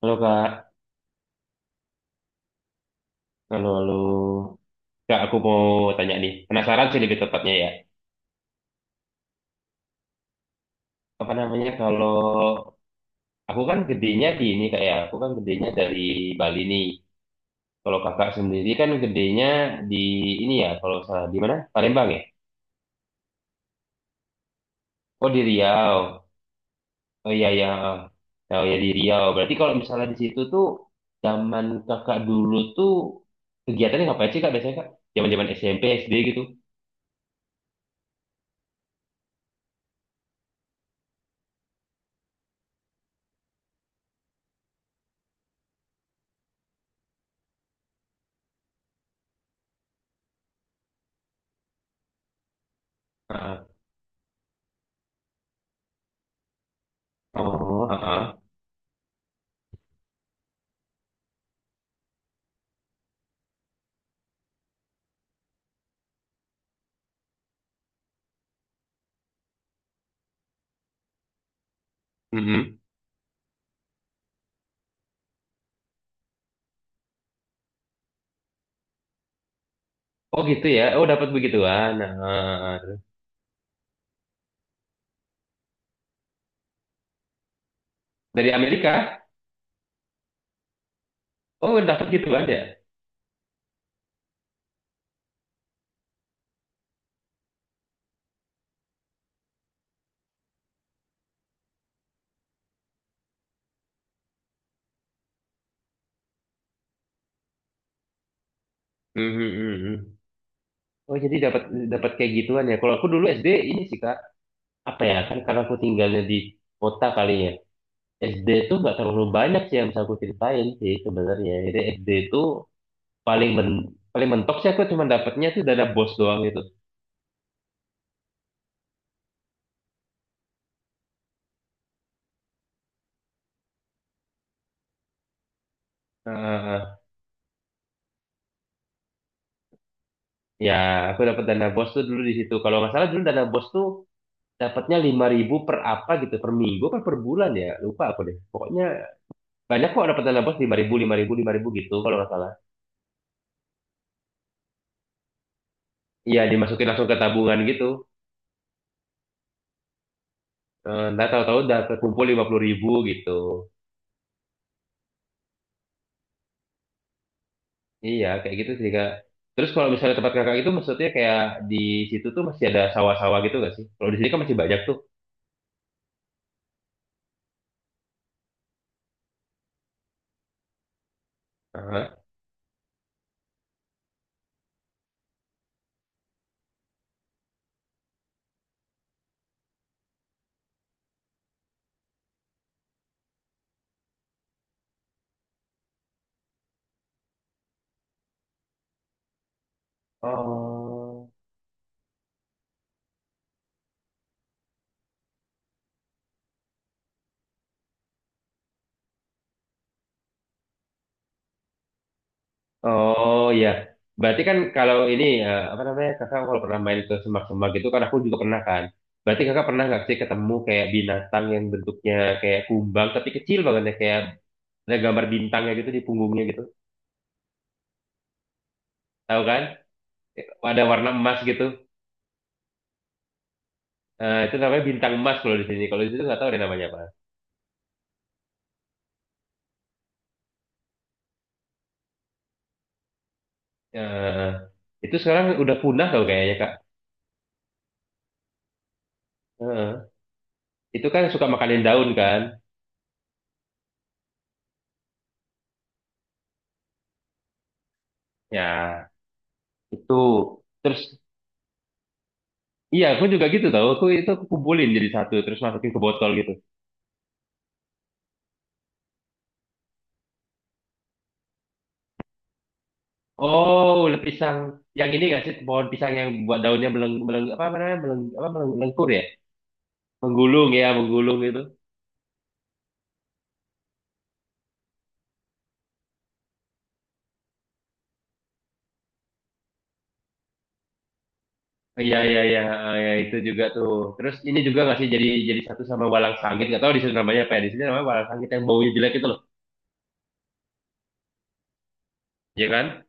Halo Kak, halo halo. Kak, aku mau tanya nih. Penasaran sih lebih tepatnya ya. Apa namanya, kalau aku kan gedenya di ini Kak ya. Aku kan gedenya dari Bali nih. Kalau Kakak sendiri kan gedenya di ini ya. Kalau salah di mana? Palembang ya. Oh, di Riau. Oh iya iya. Oh ya, di Riau. Berarti kalau misalnya di situ tuh zaman Kakak dulu tuh kegiatannya ngapain sih Kak, biasanya Kak? Zaman-zaman SMP, SD gitu. Heeh. Oh, heeh. Mm-hmm. Oh gitu ya. Oh, dapat begituan. Nah, dari Amerika. Oh, dapat gituan ya. Hmm, hmm, hmm, hmm. Oh jadi dapat dapat kayak gituan ya. Kalau aku dulu SD ini sih Kak, apa ya, kan karena aku tinggalnya di kota kali ya. SD itu nggak terlalu banyak sih yang bisa aku ceritain sih sebenarnya. Jadi SD itu paling men paling mentok sih aku cuma dapatnya tuh dana bos doang gitu. Heeh. Ya, aku dapat dana bos tuh dulu di situ. Kalau nggak salah dulu dana bos tuh dapatnya 5.000 per apa gitu, per minggu apa per bulan ya, lupa aku deh pokoknya. Banyak kok dapat dana bos, 5.000, 5.000, 5.000 gitu kalau nggak salah. Iya, dimasukin langsung ke tabungan gitu. Ntar tahu-tahu udah terkumpul 50.000 gitu. Iya, kayak gitu sih, Kak. Terus kalau misalnya tempat kakak itu maksudnya kayak di situ tuh masih ada sawah-sawah gitu nggak sih? Kalau di sini kan masih banyak tuh. Aha. Oh. Oh iya. Berarti kan kalau ini, apa namanya, kakak kalau pernah main ke semak-semak gitu kan, aku juga pernah kan. Berarti kakak pernah nggak sih ketemu kayak binatang yang bentuknya kayak kumbang tapi kecil banget ya, kayak ada gambar bintangnya gitu di punggungnya gitu, tahu kan? Ada warna emas gitu. Itu namanya bintang emas kalau di sini, kalau di situ nggak tahu deh namanya apa. Eh, itu sekarang udah punah tau kayaknya kak. Eh, itu kan suka makanin daun kan, ya. Itu terus, iya aku juga gitu tau, aku itu aku kumpulin jadi satu, terus masukin ke botol gitu. Oh, ulet pisang. Yang ini nggak sih, pohon pisang yang buat daunnya meleng meleng, apa namanya, meleng apa, melengkur ya, menggulung, ya menggulung itu. Iya iya iya, ah, ya, itu juga tuh. Terus ini juga nggak sih, jadi satu sama walang sangit, nggak tahu di sini namanya apa, ya di sini namanya walang sangit yang baunya jelek itu loh, ya kan?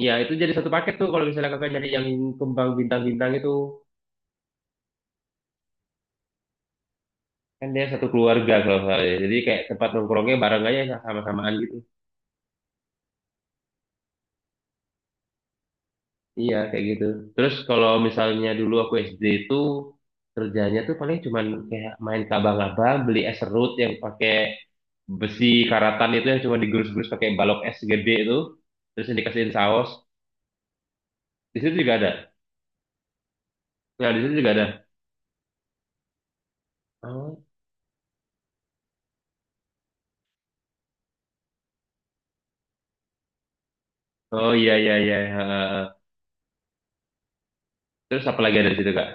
Iya itu jadi satu paket tuh kalau misalnya kakak nyari yang kembang bintang-bintang itu, kan dia satu keluarga kalau nggak salah ya. Jadi kayak tempat nongkrongnya bareng aja, sama-samaan gitu. Iya, kayak gitu. Terus kalau misalnya dulu aku SD itu kerjanya tuh paling cuman kayak main kabang-abang, beli es serut yang pakai besi karatan itu, yang cuma digerus-gerus pakai balok es gede itu, terus yang dikasihin saus. Di situ juga ada. Nah, di situ juga ada. Oh, oh iya iya iya. Ha, ha, ha. Terus apa lagi ada di situ, Kak?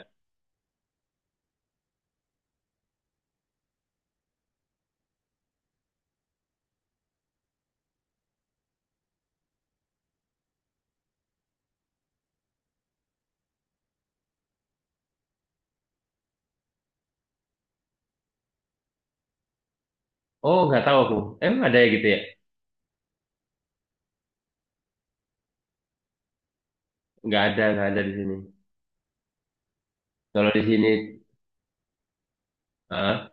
Oh, nggak tahu aku. Emang ada ya gitu ya? Nggak ada di sini. Kalau di sini. Hah?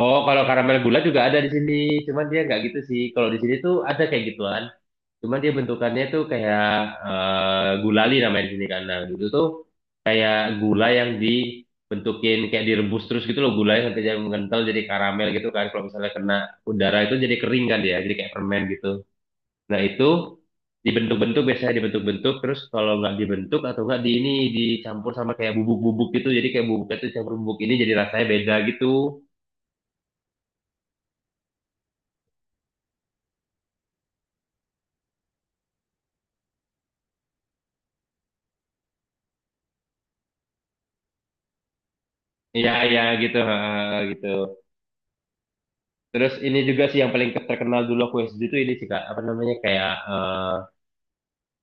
Oh, kalau karamel gula juga ada di sini. Cuman dia nggak gitu sih. Kalau di sini tuh ada kayak gituan. Cuman dia bentukannya tuh kayak, gulali namanya di sini kan. Nah, gitu tuh kayak gula yang dibentukin kayak direbus terus gitu loh, gulanya sampai jadi mengental jadi karamel gitu kan. Kalau misalnya kena udara itu jadi kering kan dia, jadi kayak permen gitu. Nah, itu dibentuk-bentuk, biasanya dibentuk-bentuk terus kalau nggak dibentuk atau nggak di ini dicampur sama kayak bubuk-bubuk gitu. Jadi kayak bubuknya tuh campur bubuk ini jadi rasanya beda gitu. Iya, iya gitu, ha, gitu. Terus ini juga sih yang paling terkenal dulu aku SD itu ini sih Kak, apa namanya kayak,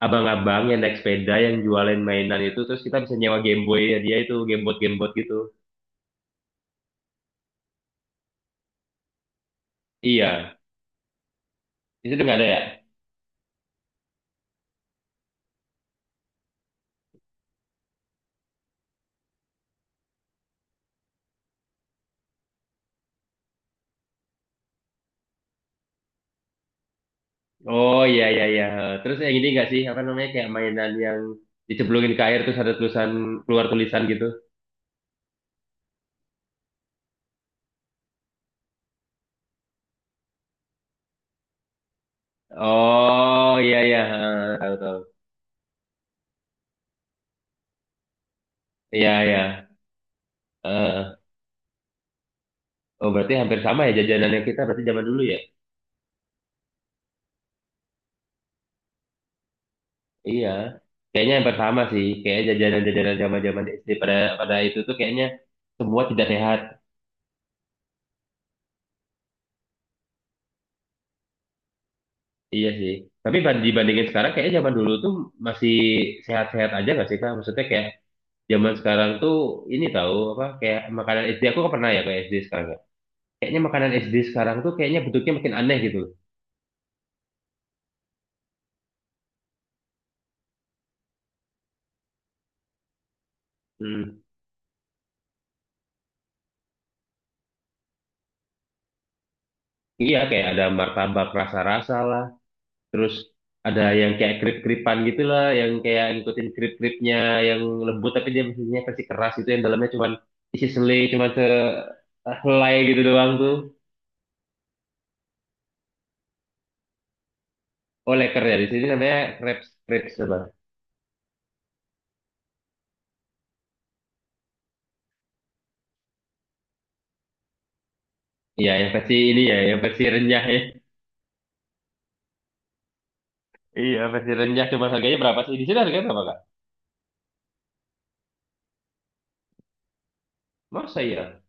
abang-abang yang naik sepeda yang jualin mainan itu, terus kita bisa nyewa Game Boy ya, dia itu gamebot gamebot gitu. Iya, itu udah nggak ada ya? Oh iya iya iya. Terus yang ini nggak sih, apa namanya, kayak mainan yang dicemplungin ke air terus ada tulisan, keluar tulisan gitu. Oh iya iya, tahu tahu. Iya iya. Eh, oh berarti hampir sama ya jajanannya kita berarti zaman dulu ya? Iya, kayaknya yang pertama sih, kayak jajanan-jajanan zaman-zaman SD pada pada itu tuh kayaknya semua tidak sehat. Iya sih. Tapi dibandingin sekarang kayaknya zaman dulu tuh masih sehat-sehat aja gak sih Kak? Maksudnya kayak zaman sekarang tuh ini tahu apa, kayak makanan SD aku kok pernah ya kayak SD sekarang ya. Kayaknya makanan SD sekarang tuh kayaknya bentuknya makin aneh gitu loh. Hmm. Iya kayak ada martabak rasa-rasa lah. Terus ada yang kayak krip-kripan gitu lah, yang kayak ngikutin krip-kripnya yang lembut tapi dia mesinnya versi keras itu, yang dalamnya cuman isi selai cuma sehelai gitu doang tuh. Oh, leker ya, di sini namanya crepes crepes apa? Iya, yang versi ini ya, yang versi renyah ya. Iya, versi renyah, cuma harganya berapa sih? Di sini harganya berapa, Kak? Masa ya?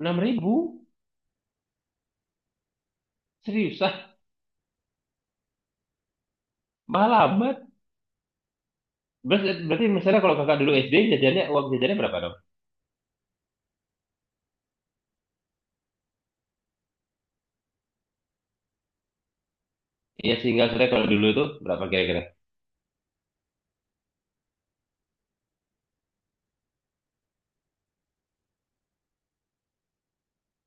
6.000. Serius ah? Mahal amat. Berarti, misalnya kalau kakak dulu SD uang jajannya berapa dong? Iya sih, enggak sebenarnya kalau dulu tuh berapa kira-kira?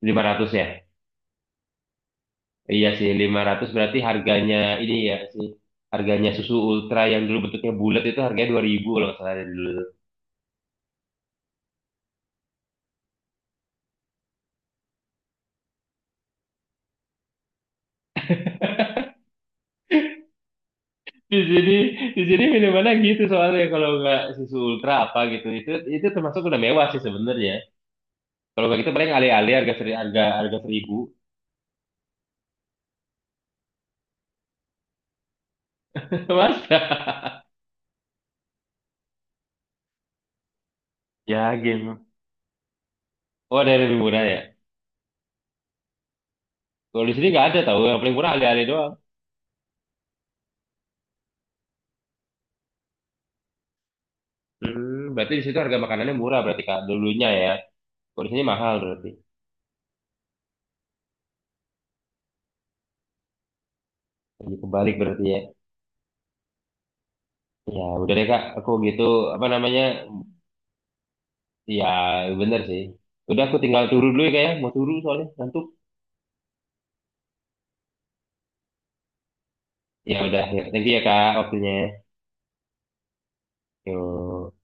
500 ya? Iya sih, 500 berarti harganya ini ya sih. Harganya susu ultra yang dulu bentuknya bulat itu harganya 2000 kalau nggak salah dari dulu. Di sini, minumannya gitu soalnya kalau nggak susu ultra apa gitu. Itu, termasuk udah mewah sih sebenarnya. Kalau nggak gitu paling alih-alih harga seri, harga harga 1.000 Mas. Ya game. Oh, ada yang lebih murah ya. Kalau di sini nggak ada tahu, yang paling murah alih-alih doang. Hmm, berarti di situ harga makanannya murah berarti Kak, dulunya ya. Kalau di sini mahal berarti. Jadi kebalik berarti ya. Ya, udah deh Kak, aku gitu, apa namanya, ya bener sih. Udah, aku tinggal turun dulu ya Kak ya, mau turun soalnya, ngantuk. Ya udah, ya, thank you ya Kak waktunya. Yuk.